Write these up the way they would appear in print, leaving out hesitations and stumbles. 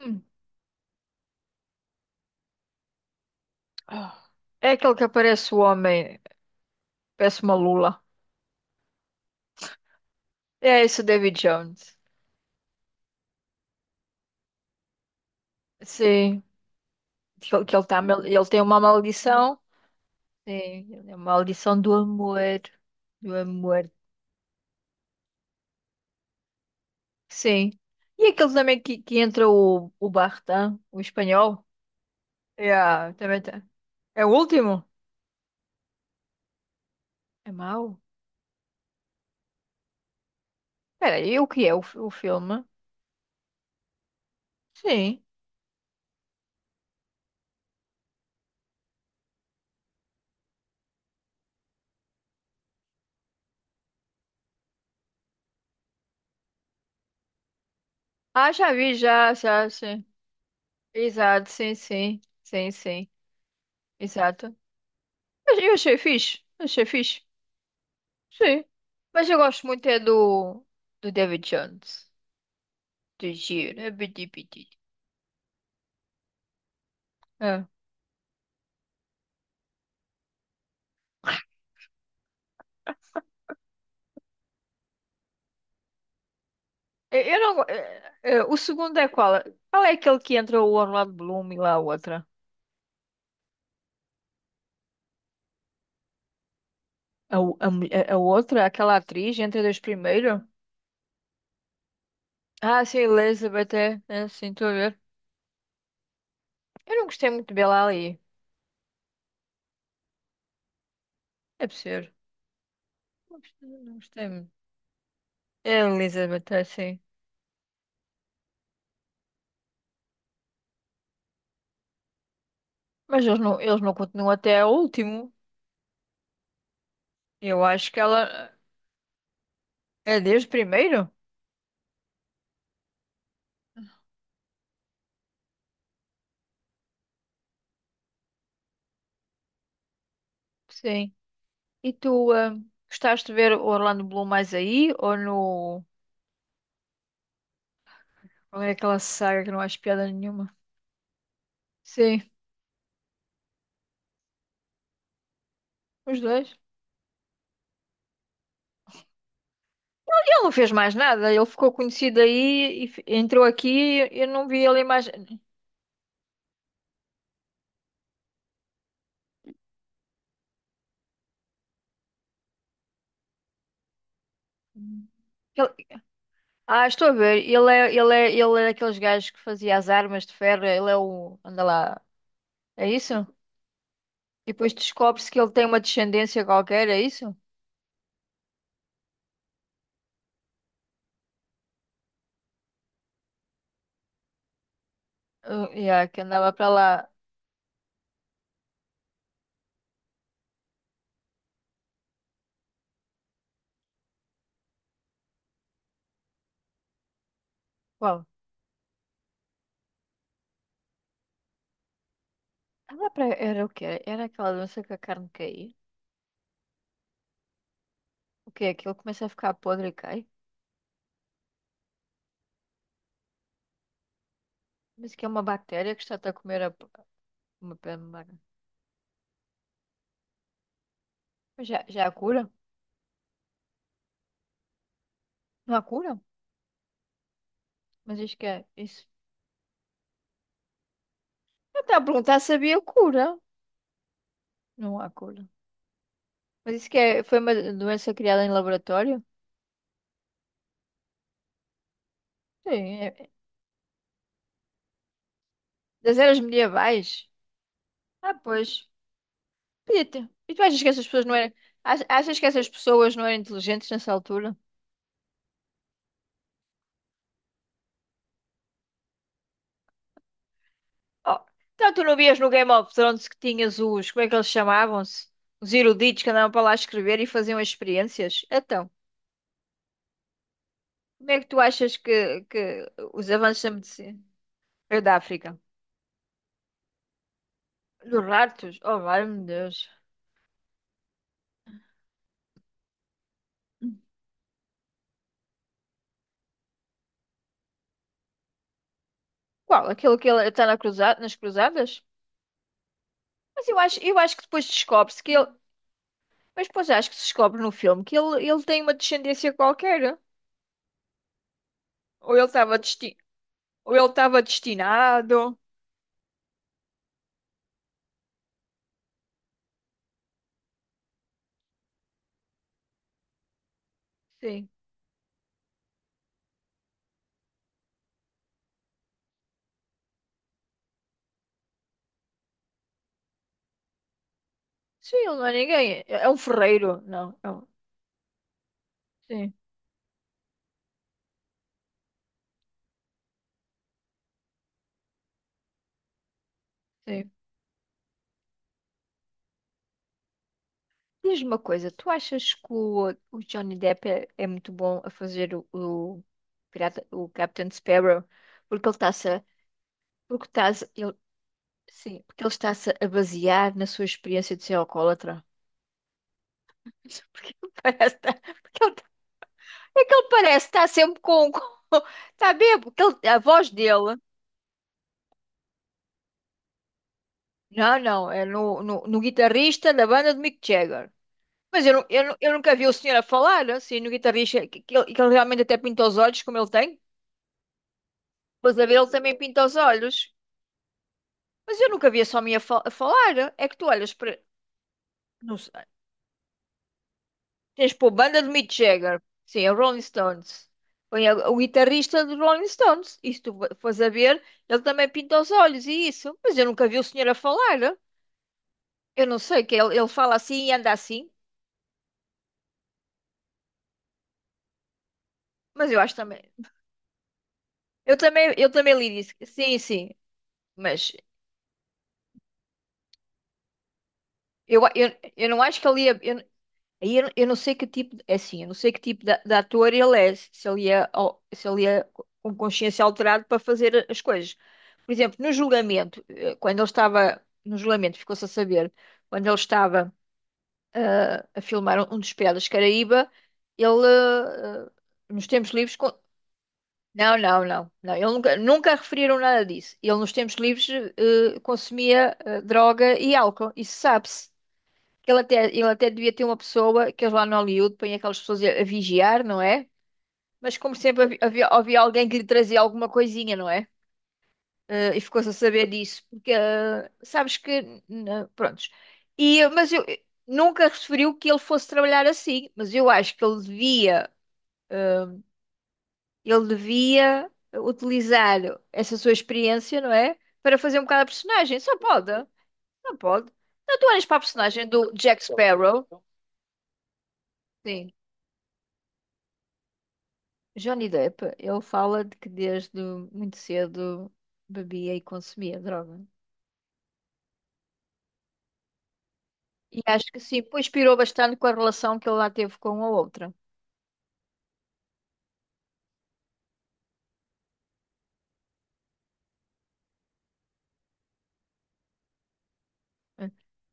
Hum. Ah. É aquele que aparece o homem, parece uma lula. É esse o David Jones. Sim, que ele, ele tem uma maldição. Sim, é uma maldição do amor. Do amor. Sim. E aquele também que entra o Bartan, o espanhol. É, também tá. É o último? É mau? Peraí, o que é o filme? Sim. Ah, já vi, sim. Exato, sim, sim. Sim, sim. Exato. Mas eu achei fixe. Achei fixe. Sim. Mas eu gosto muito é do David Jones. Do Giro. É. Bidi, bidi. É. Eu não. O segundo é qual? Qual é aquele que entra o Orlando Bloom e lá a outra? A, o- a, mu- a outra, aquela atriz, entre dois primeiro? Ah, sim, Elizabeth, é. É, sim, estou a ver. Eu não gostei muito dela ali. É possível. Não gostei muito. É Elizabeth, é, sim. Mas eles não continuam até ao último. Eu acho que ela. É desde primeiro? Sim. E tu, gostaste de ver o Orlando Bloom mais aí ou no. Ou é aquela saga que não acho piada nenhuma? Sim, os dois. Ele não fez mais nada, ele ficou conhecido aí e entrou aqui e eu não vi ele mais. Ah, estou a ver, ele é daqueles gajos que fazia as armas de ferro, ele é o. Anda lá, é isso? E depois descobre-se que ele tem uma descendência qualquer, é isso? Ah, yeah, que andava para lá. Qual? Ah, era o quê? Era aquela doença que a carne caía? O quê? Aquilo começa a ficar podre e cai? Mas que é uma bactéria que está a comer uma pena. Mas já há cura? Não há cura? Mas isto que é isso. Eu estava a perguntar se havia cura. Não há cura. Mas isso que é, foi uma doença criada em laboratório? Sim, é das eras medievais. Ah, pois. Podia ter. E tu achas que essas pessoas não eram. Achas que essas pessoas não eram inteligentes nessa altura? Oh, então tu não vias no Game of Thrones que tinhas os, como é que eles chamavam-se? Os eruditos que andavam para lá escrever e faziam as experiências? Então, como é que tu achas que os avanços da medicina é da África? Dos ratos? Oh, meu Deus. Qual? Aquele que ele está na nas cruzadas? Mas eu acho que depois descobre-se que ele. Mas depois acho que se descobre no filme que ele tem uma descendência qualquer. Ou ele estava desti... Ou ele estava destinado. Sim. Sim, ele não é ninguém. É um ferreiro. Não. Sim, sim. Diz-me uma coisa, tu achas que o Johnny Depp é muito bom a fazer pirata, o Captain Sparrow? Porque ele está-se a, porque está-se, ele, sim, porque ele está-se a basear na sua experiência de ser alcoólatra. Porque ele parece, porque ele, tá- é que ele parece, está sempre com, com está bêbado, a voz dele, não, não, é no guitarrista da banda de Mick Jagger. Mas eu, eu nunca vi o senhor a falar, assim, no guitarrista, que ele realmente até pinta os olhos, como ele tem. Pois a ver, ele também pinta os olhos. Mas eu nunca vi esse homem a falar. É que tu olhas para. Não sei. Tens pô, banda de Mick Jagger. Sim, a Rolling Stones. Põe o guitarrista dos Rolling Stones. E se tu fores a ver, ele também pinta os olhos e isso. Mas eu nunca vi o senhor a falar. Eu não sei, que ele fala assim e anda assim. Mas eu acho também. Eu também li isso. Sim, sim. Mas. Eu, eu, eu não acho que ele ia. Aí eu não sei que tipo, é assim, eu não sei que tipo de ator ele é, se ele é com consciência alterada para fazer as coisas. Por exemplo, no julgamento, quando ele estava, no julgamento, ficou-se a saber, quando ele estava a filmar um dos Piratas Caraíba, ele, nos tempos livres, não, não, não, não, ele nunca referiram nada disso. Ele nos tempos livres consumia droga e álcool, isso sabe-se. Ele até devia ter uma pessoa, que eles lá no Hollywood põem aquelas pessoas a vigiar, não é? Mas como sempre havia alguém que lhe trazia alguma coisinha, não é? E ficou-se a saber disso, porque sabes que, prontos. E, mas eu nunca referiu que ele fosse trabalhar assim, mas eu acho que ele devia, utilizar essa sua experiência, não é? Para fazer um bocado a personagem, só pode. Não, tu olhas para a personagem do Jack Sparrow, sim. Johnny Depp, ele fala de que desde muito cedo bebia e consumia droga. E acho que sim, pois pirou bastante com a relação que ele lá teve com a outra.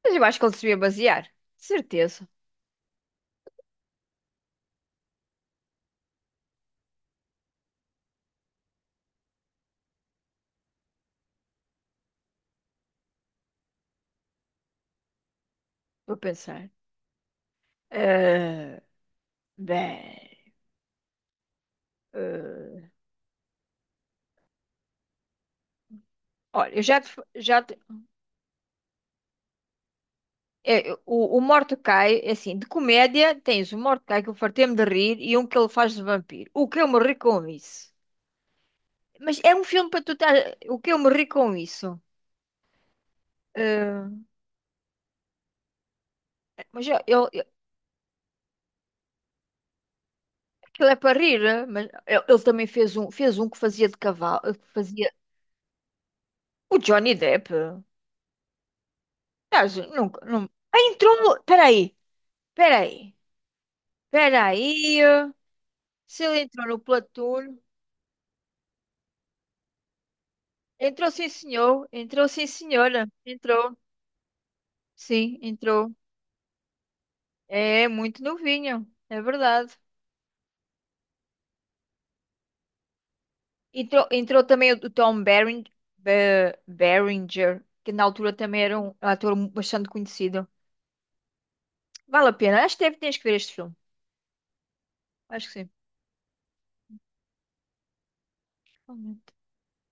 Mas eu acho que ele se devia basear. Certeza. Vou pensar. Eh, Bem. eh, Olha, eu já te- é, o Mordecai, é assim, de comédia tens o Mordecai que eu fartei-me de rir e um que ele faz de vampiro. O que eu morri com isso? Mas é um filme para tu estar. O que eu morri com isso? Eh, mas eu, Ele é para rir, eh? Mas ele também fez um, que fazia de cavalo, que fazia o Johnny Depp. Aliás, nunca, não. Ah, entrou no. Peraí, peraí, peraí. Eh. Se ele entrou no Platoon, entrou sim, senhor, entrou sim, senhora, entrou, sim, entrou. É muito novinho, é verdade. Entrou também o Tom Berenger, Berenger, que na altura também era um ator bastante conhecido. Vale a pena, acho que deve, tens que ver este filme. Acho que sim.